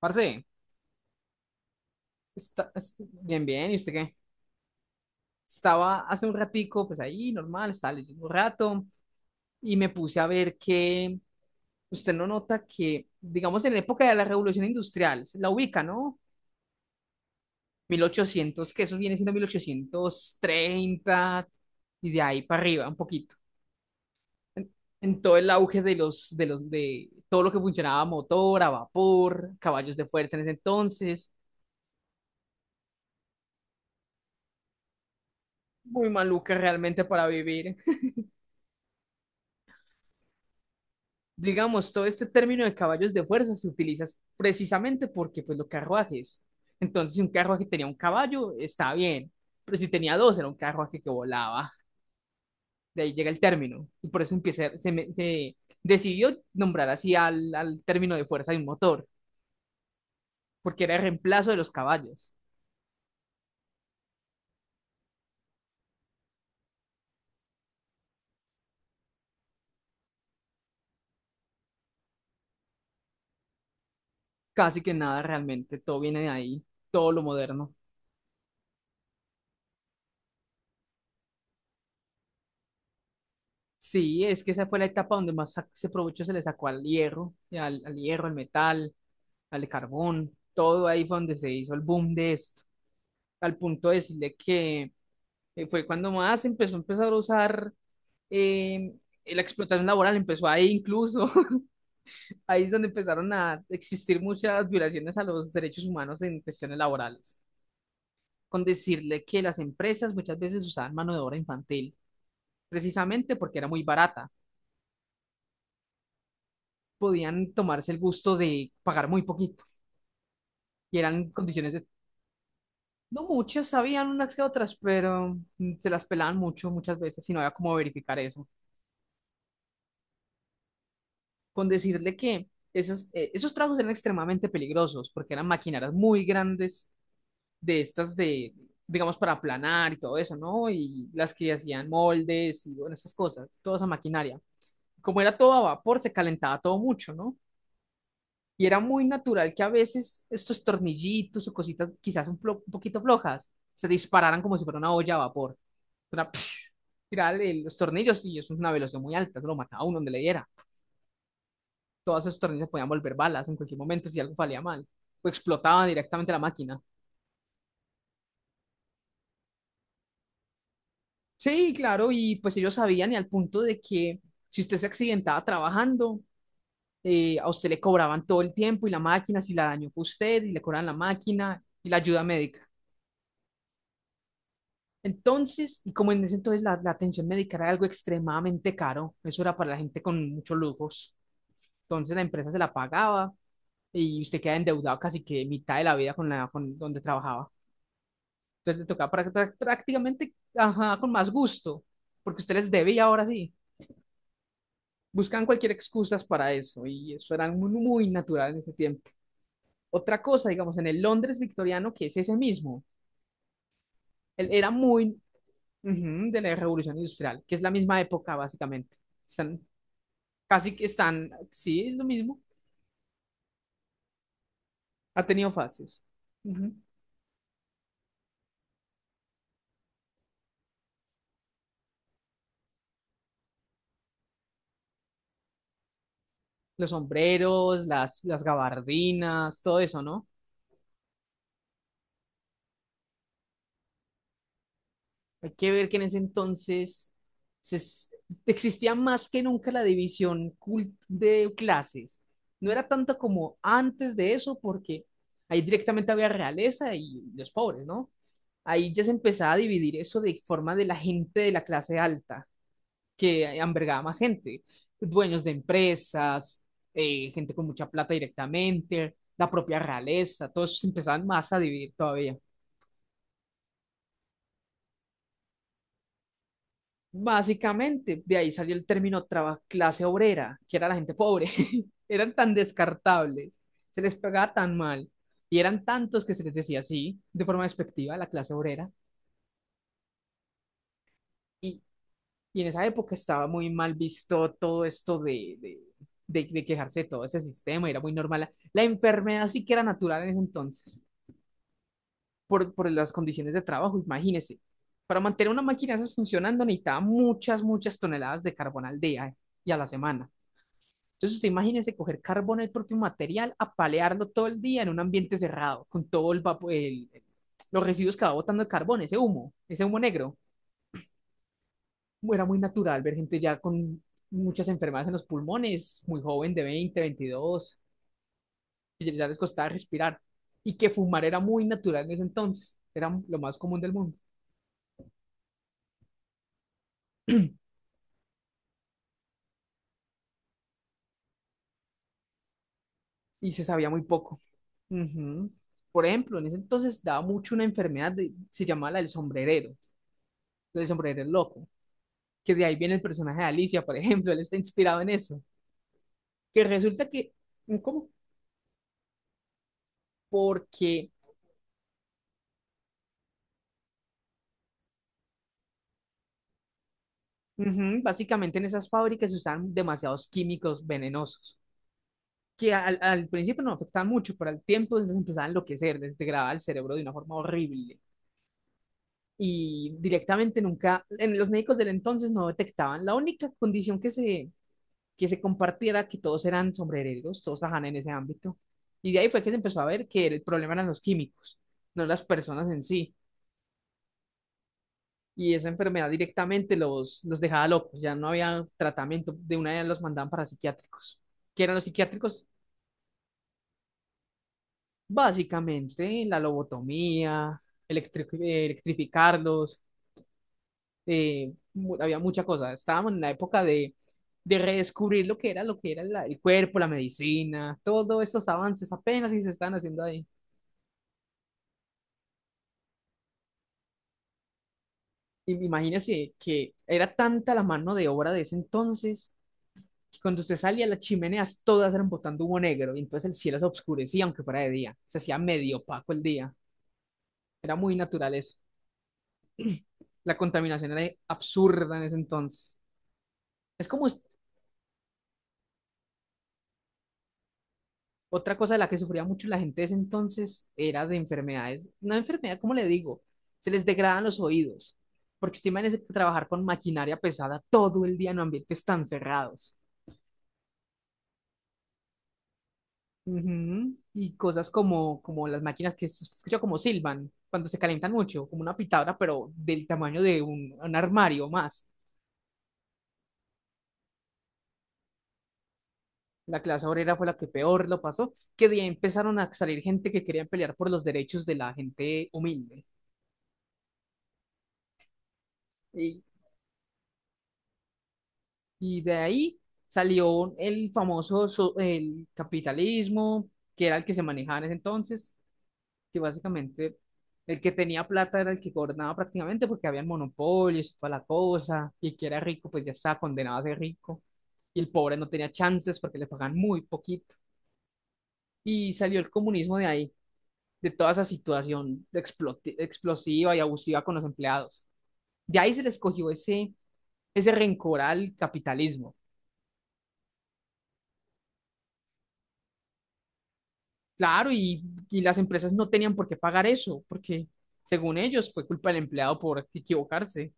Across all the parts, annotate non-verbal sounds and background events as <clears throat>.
Parce, está, bien, bien, ¿y usted qué? Estaba hace un ratico, pues ahí, normal, estaba leyendo un rato y me puse a ver que usted no nota que, digamos, en la época de la Revolución Industrial, se la ubica, ¿no? 1800, que eso viene siendo 1830 y de ahí para arriba, un poquito. En, en todo el auge de todo lo que funcionaba, a motor, a vapor, caballos de fuerza en ese entonces, muy maluca realmente para vivir. Digamos, todo este término de caballos de fuerza se utiliza precisamente porque, pues, los carruajes. Entonces, si un carruaje tenía un caballo, está bien, pero si tenía dos, era un carruaje que volaba. De ahí llega el término, y por eso empieza, se decidió nombrar así al, al término de fuerza de un motor, porque era el reemplazo de los caballos. Casi que nada realmente, todo viene de ahí, todo lo moderno. Sí, es que esa fue la etapa donde más se aprovechó, se le sacó al hierro, y al hierro, al metal, al carbón, todo ahí fue donde se hizo el boom de esto, al punto de decirle que fue cuando más empezó a empezar a usar eh, la explotación laboral, empezó ahí incluso, <laughs> ahí es donde empezaron a existir muchas violaciones a los derechos humanos en cuestiones laborales, con decirle que las empresas muchas veces usaban mano de obra infantil, precisamente porque era muy barata, podían tomarse el gusto de pagar muy poquito y eran condiciones de. No muchas, sabían unas que otras, pero se las pelaban mucho muchas veces y no había cómo verificar eso. Con decirle que esos tragos eran extremadamente peligrosos porque eran maquinarias muy grandes de estas de, digamos, para aplanar y todo eso, ¿no? Y las que hacían moldes y bueno, esas cosas, toda esa maquinaria. Como era todo a vapor, se calentaba todo mucho, ¿no? Y era muy natural que a veces estos tornillitos o cositas quizás un poquito flojas se dispararan como si fuera una olla a vapor. Una <laughs> <tsk> tirar los tornillos y eso es una velocidad muy alta, eso lo mataba a uno donde le diera. Todos esos tornillos podían volver balas en cualquier momento si algo salía mal o explotaba directamente la máquina. Sí, claro, y pues ellos sabían y al punto de que si usted se accidentaba trabajando, a usted le cobraban todo el tiempo y la máquina, si la dañó fue usted y le cobraban la máquina y la ayuda médica. Entonces, y como en ese entonces la atención médica era algo extremadamente caro, eso era para la gente con muchos lujos, entonces la empresa se la pagaba y usted queda endeudado casi que mitad de la vida con la con donde trabajaba. Entonces le tocaba prácticamente ajá, con más gusto, porque usted les debe y ahora sí. Buscan cualquier excusas para eso y eso era muy, muy natural en ese tiempo. Otra cosa, digamos, en el Londres victoriano, que es ese mismo, él era muy. Ujú, de la Revolución Industrial, que es la misma época básicamente. Están, casi que están, sí, es lo mismo. Ha tenido fases. Ujú. Los sombreros, las gabardinas, todo eso, ¿no? Hay que ver que en ese entonces se es- existía más que nunca la división de clases. No era tanto como antes de eso, porque ahí directamente había realeza y los pobres, ¿no? Ahí ya se empezaba a dividir eso de forma de la gente de la clase alta, que albergaba más gente, dueños de empresas, gente con mucha plata directamente, la propia realeza, todos se empezaban más a dividir todavía. Básicamente, de ahí salió el término clase obrera, que era la gente pobre. <laughs> Eran tan descartables, se les pegaba tan mal, y eran tantos que se les decía así, de forma despectiva, la clase obrera. Y, y en esa época estaba muy mal visto todo esto de quejarse de todo ese sistema, era muy normal. La enfermedad sí que era natural en ese entonces, por las condiciones de trabajo, imagínese. Para mantener una máquina de esas funcionando necesitaba muchas, muchas toneladas de carbón al día y a la semana. Entonces, usted imagínese coger carbón, el propio material, apalearlo todo el día en un ambiente cerrado, con todo el, los residuos que va botando el carbón, ese humo negro. Era muy natural ver gente ya con muchas enfermedades en los pulmones, muy joven, de 20, 22, que ya les costaba respirar. Y que fumar era muy natural en ese entonces, era lo más común del mundo. Y se sabía muy poco. Ujú. Por ejemplo, en ese entonces daba mucho una enfermedad, se llamaba la del sombrerero loco que de ahí viene el personaje de Alicia, por ejemplo, él está inspirado en eso. Que resulta que, ¿cómo? Porque ujú, básicamente en esas fábricas se usaban demasiados químicos venenosos, que al principio no afectaban mucho, pero al tiempo se empezaban a enloquecer, desgradaba el cerebro de una forma horrible. Y directamente nunca, en los médicos del entonces no detectaban. La única condición que se compartiera que todos eran sombrereros, todos trabajaban en ese ámbito. Y de ahí fue que se empezó a ver que el problema eran los químicos, no las personas en sí. Y esa enfermedad directamente los dejaba locos, ya no había tratamiento, de una vez los mandaban para psiquiátricos. ¿Qué eran los psiquiátricos? Básicamente la lobotomía, electrificarlos, había mucha cosa. Estábamos en la época de redescubrir lo que era el cuerpo, la medicina, todos esos avances apenas si se están haciendo ahí. Y imagínese que era tanta la mano de obra de ese entonces cuando usted salía, las chimeneas todas eran botando humo negro, y entonces el cielo se oscurecía, aunque fuera de día. Se hacía medio opaco el día. Era muy natural eso. La contaminación era absurda en ese entonces. Es como est- Otra cosa de la que sufría mucho la gente de ese entonces era de enfermedades. Una enfermedad, ¿cómo le digo? Se les degradan los oídos, porque usted imagínese trabajar con maquinaria pesada todo el día en ambientes tan cerrados. Ujú, y cosas como, como las máquinas que se escucha como silban cuando se calientan mucho, como una pitadora, pero del tamaño de un armario más. La clase obrera fue la que peor lo pasó, que de ahí empezaron a salir gente que querían pelear por los derechos de la gente humilde. Y, y de ahí salió el famoso el capitalismo, que era el que se manejaba en ese entonces que básicamente el que tenía plata era el que gobernaba prácticamente porque había monopolios y toda la cosa, y el que era rico pues ya estaba condenado a ser rico, y el pobre no tenía chances porque le pagaban muy poquito. Y salió el comunismo de ahí, de toda esa situación de explosiva y abusiva con los empleados. De ahí se les cogió ese, ese rencor al capitalismo. Claro, y las empresas no tenían por qué pagar eso, porque según ellos fue culpa del empleado por equivocarse.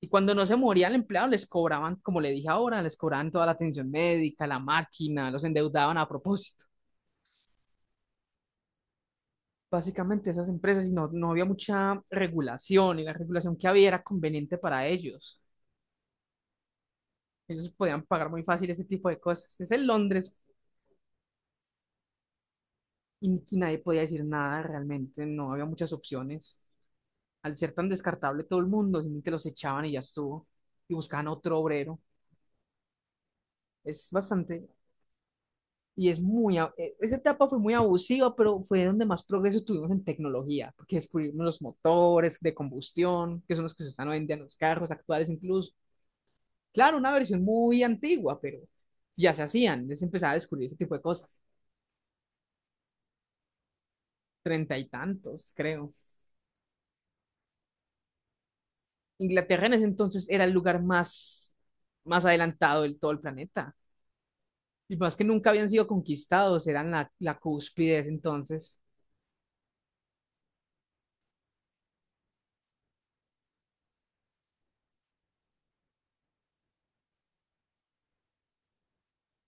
Y cuando no se moría el empleado, les cobraban, como le dije ahora, les cobraban toda la atención médica, la máquina, los endeudaban a propósito. Básicamente esas empresas, y no, no había mucha regulación, y la regulación que había era conveniente para ellos. Ellos podían pagar muy fácil ese tipo de cosas. Es en Londres. Y nadie podía decir nada realmente, no había muchas opciones. Al ser tan descartable todo el mundo, simplemente los echaban y ya estuvo. Y buscaban otro obrero. Es bastante. Y es muy, esa etapa fue muy abusiva, pero fue donde más progreso tuvimos en tecnología, porque descubrimos los motores de combustión, que son los que se usan hoy en día en los carros actuales incluso. Claro, una versión muy antigua, pero ya se hacían, ya se empezaba a descubrir ese tipo de cosas. Treinta y tantos, creo. Inglaterra en ese entonces era el lugar más, más adelantado del todo el planeta. Y más que nunca habían sido conquistados, eran la cúspide de ese entonces.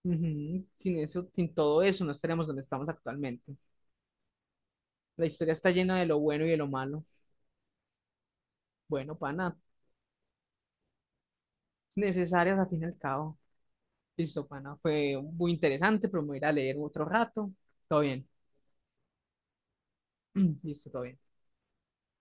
Ujú, sin eso, sin todo eso, no estaríamos donde estamos actualmente. La historia está llena de lo bueno y de lo malo. Bueno, pana, necesarias al fin y al cabo. Listo, pana, fue muy interesante, pero me voy a ir a leer otro rato. Todo bien. <clears throat> Listo, todo bien.